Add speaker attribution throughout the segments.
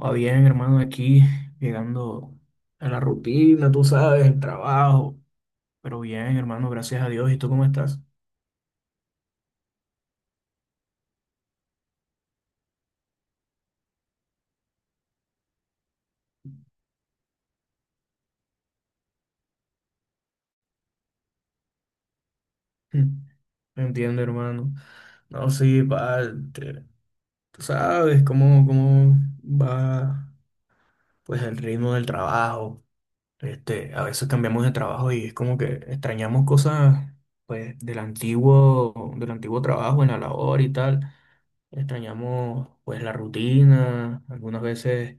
Speaker 1: Va bien, hermano, aquí llegando a la rutina, tú sabes, el trabajo. Pero bien, hermano, gracias a Dios. ¿Y tú cómo estás? Me entiendo, hermano. No, sí, pa, te- tú sabes cómo va pues el ritmo del trabajo. A veces cambiamos de trabajo y es como que extrañamos cosas pues del antiguo trabajo en la labor y tal. Extrañamos pues la rutina, algunas veces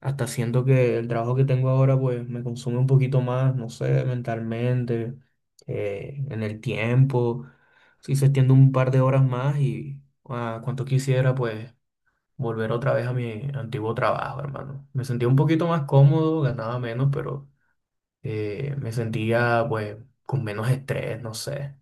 Speaker 1: hasta siento que el trabajo que tengo ahora pues me consume un poquito más, no sé, mentalmente, en el tiempo, si se extiende un par de horas más y cuanto quisiera pues volver otra vez a mi antiguo trabajo, hermano. Me sentía un poquito más cómodo, ganaba menos, pero me sentía pues con menos estrés, no sé.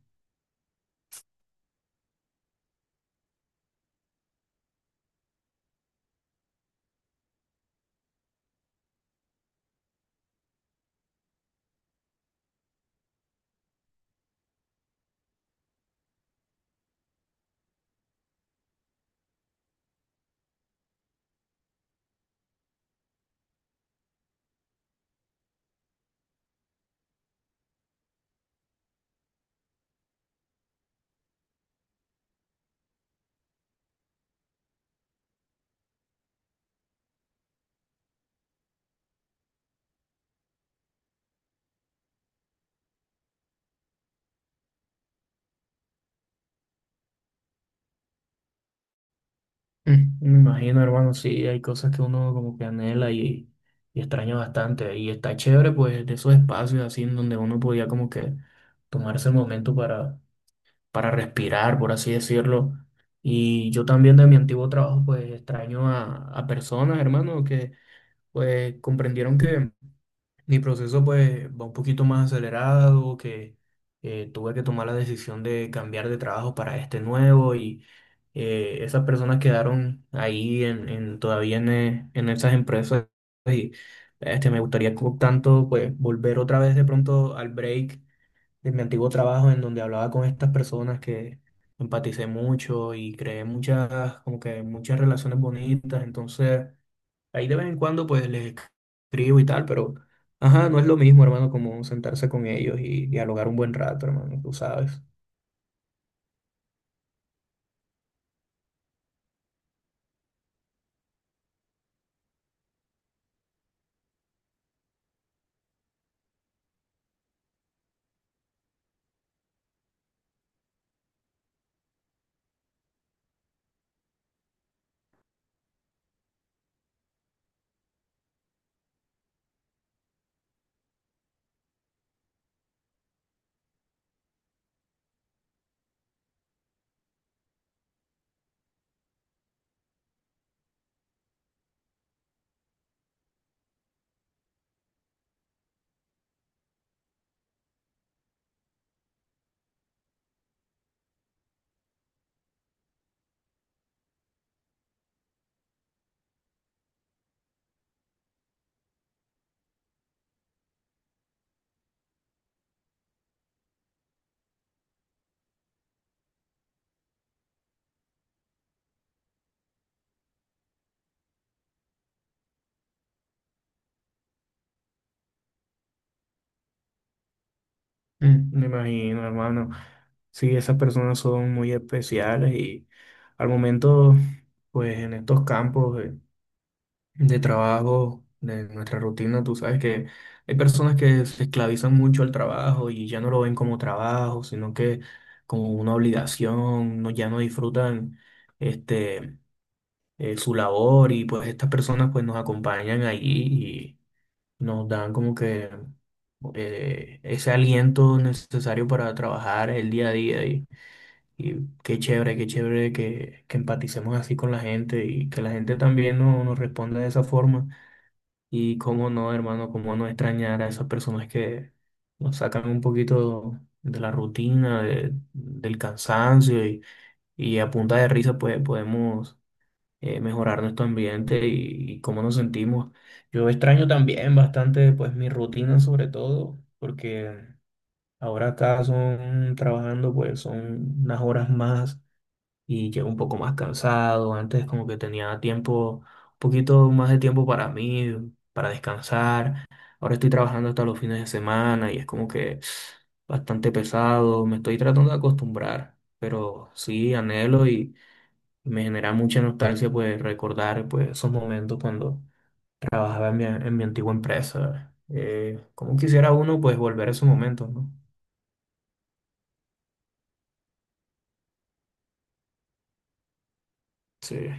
Speaker 1: Mm, me imagino, hermano, sí, hay cosas que uno como que y extraña bastante. Y está chévere, pues, de esos espacios así en donde uno podía como que tomarse el momento para respirar, por así decirlo. Y yo también de mi antiguo trabajo, pues, extraño a personas, hermano, que pues comprendieron que mi proceso pues va un poquito más acelerado, que tuve que tomar la decisión de cambiar de trabajo para este nuevo y esas personas quedaron ahí todavía en esas empresas y me gustaría tanto pues volver otra vez de pronto al break de mi antiguo trabajo en donde hablaba con estas personas que empaticé mucho y creé muchas, como que muchas relaciones bonitas, entonces... Ahí de vez en cuando pues les escribo y tal, pero ajá, no es lo mismo, hermano, como sentarse con ellos y dialogar un buen rato, hermano, tú sabes. Mm, me imagino, hermano. Sí, esas personas son muy especiales y al momento, pues en estos campos de trabajo, de nuestra rutina, tú sabes que hay personas que se esclavizan mucho al trabajo y ya no lo ven como trabajo, sino que como una obligación, no, ya no disfrutan este, su labor y pues estas personas pues nos acompañan allí y nos dan como que ese aliento necesario para trabajar el día a y qué chévere que empaticemos así con la gente y que la gente también nos responda de esa forma y cómo no, hermano, cómo no extrañar a esas personas que nos sacan un poquito de la rutina, del cansancio y a punta de risa pues podemos mejorar nuestro ambiente y cómo nos sentimos. Yo extraño también bastante pues mi rutina sobre todo, porque ahora acá son trabajando pues son unas horas más y llego un poco más cansado. Antes como que tenía tiempo, un poquito más de tiempo para mí, para descansar. Ahora estoy trabajando hasta los fines de semana y es como que bastante pesado. Me estoy tratando de acostumbrar, pero sí anhelo y me genera mucha nostalgia pues recordar pues esos momentos cuando trabajaba en mi antigua empresa. Cómo quisiera uno pues volver a esos momentos, ¿no? Sí.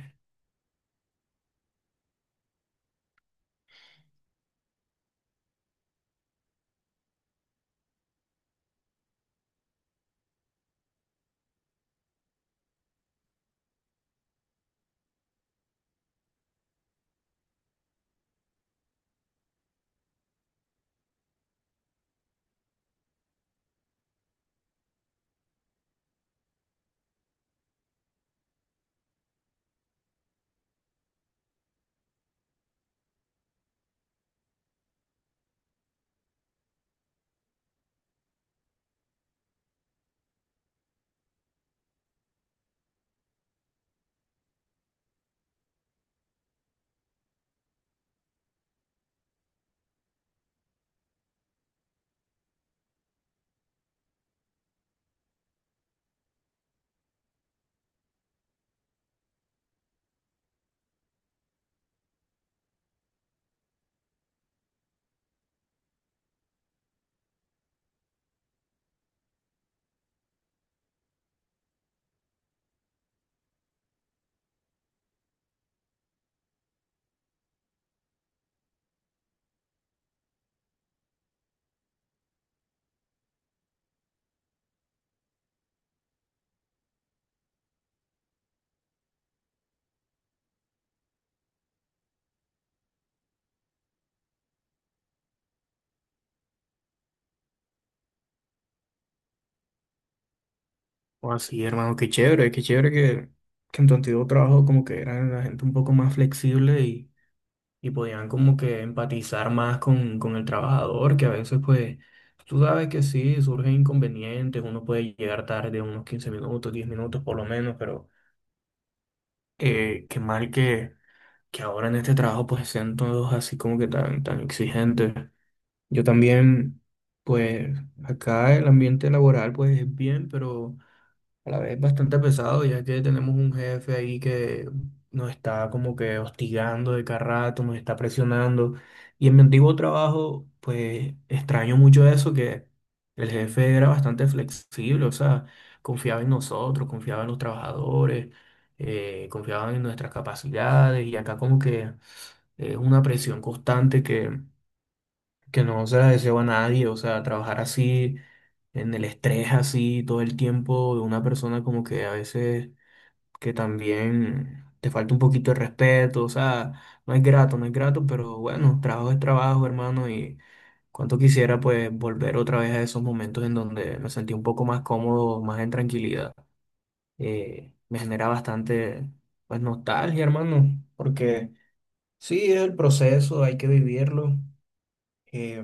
Speaker 1: O así, hermano, qué chévere que en tu antiguo trabajo como que eran la gente un poco más flexible y podían como que empatizar más con el trabajador, que a veces pues tú sabes que sí, surgen inconvenientes, uno puede llegar tarde unos 15 minutos, 10 minutos por lo menos, pero qué mal que ahora en este trabajo pues sean todos así como que tan, tan exigentes. Yo también, pues acá el ambiente laboral pues es bien, pero a la vez es bastante pesado, ya que tenemos un jefe ahí que nos está como que hostigando de cada rato, nos está presionando. Y en mi antiguo trabajo, pues extraño mucho eso, que el jefe era bastante flexible, o sea, confiaba en nosotros, confiaba en los trabajadores, confiaba en nuestras capacidades. Y acá como que es una presión constante que no se la deseo a nadie, o sea, trabajar así, en el estrés así todo el tiempo de una persona como que a veces que también te falta un poquito de respeto, o sea, no es grato, no es grato, pero bueno, trabajo es trabajo, hermano, y cuánto quisiera pues volver otra vez a esos momentos en donde me sentí un poco más cómodo, más en tranquilidad. Me genera bastante pues nostalgia, hermano, porque sí, es el proceso, hay que vivirlo eh,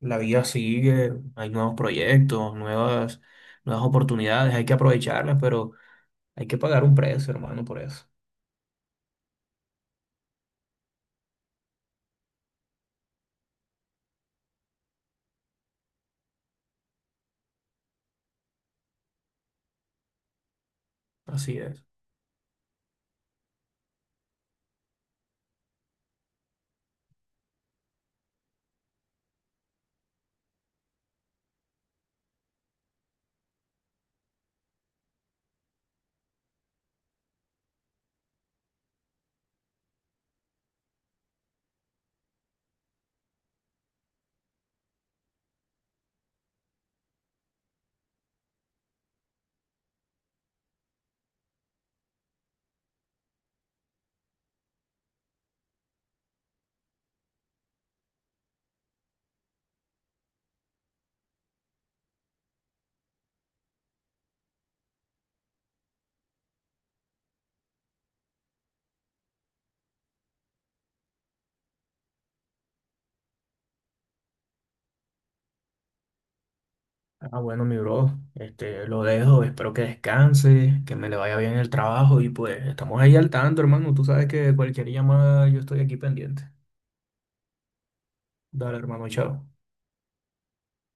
Speaker 1: la vida sigue, hay nuevos proyectos, nuevas oportunidades, hay que aprovecharlas, pero hay que pagar un precio, hermano, por eso. Así es. Ah, bueno, mi bro, este, lo dejo, espero que descanse, que me le vaya bien el trabajo y pues estamos ahí al tanto, hermano. Tú sabes que cualquier llamada yo estoy aquí pendiente. Dale, hermano, chao.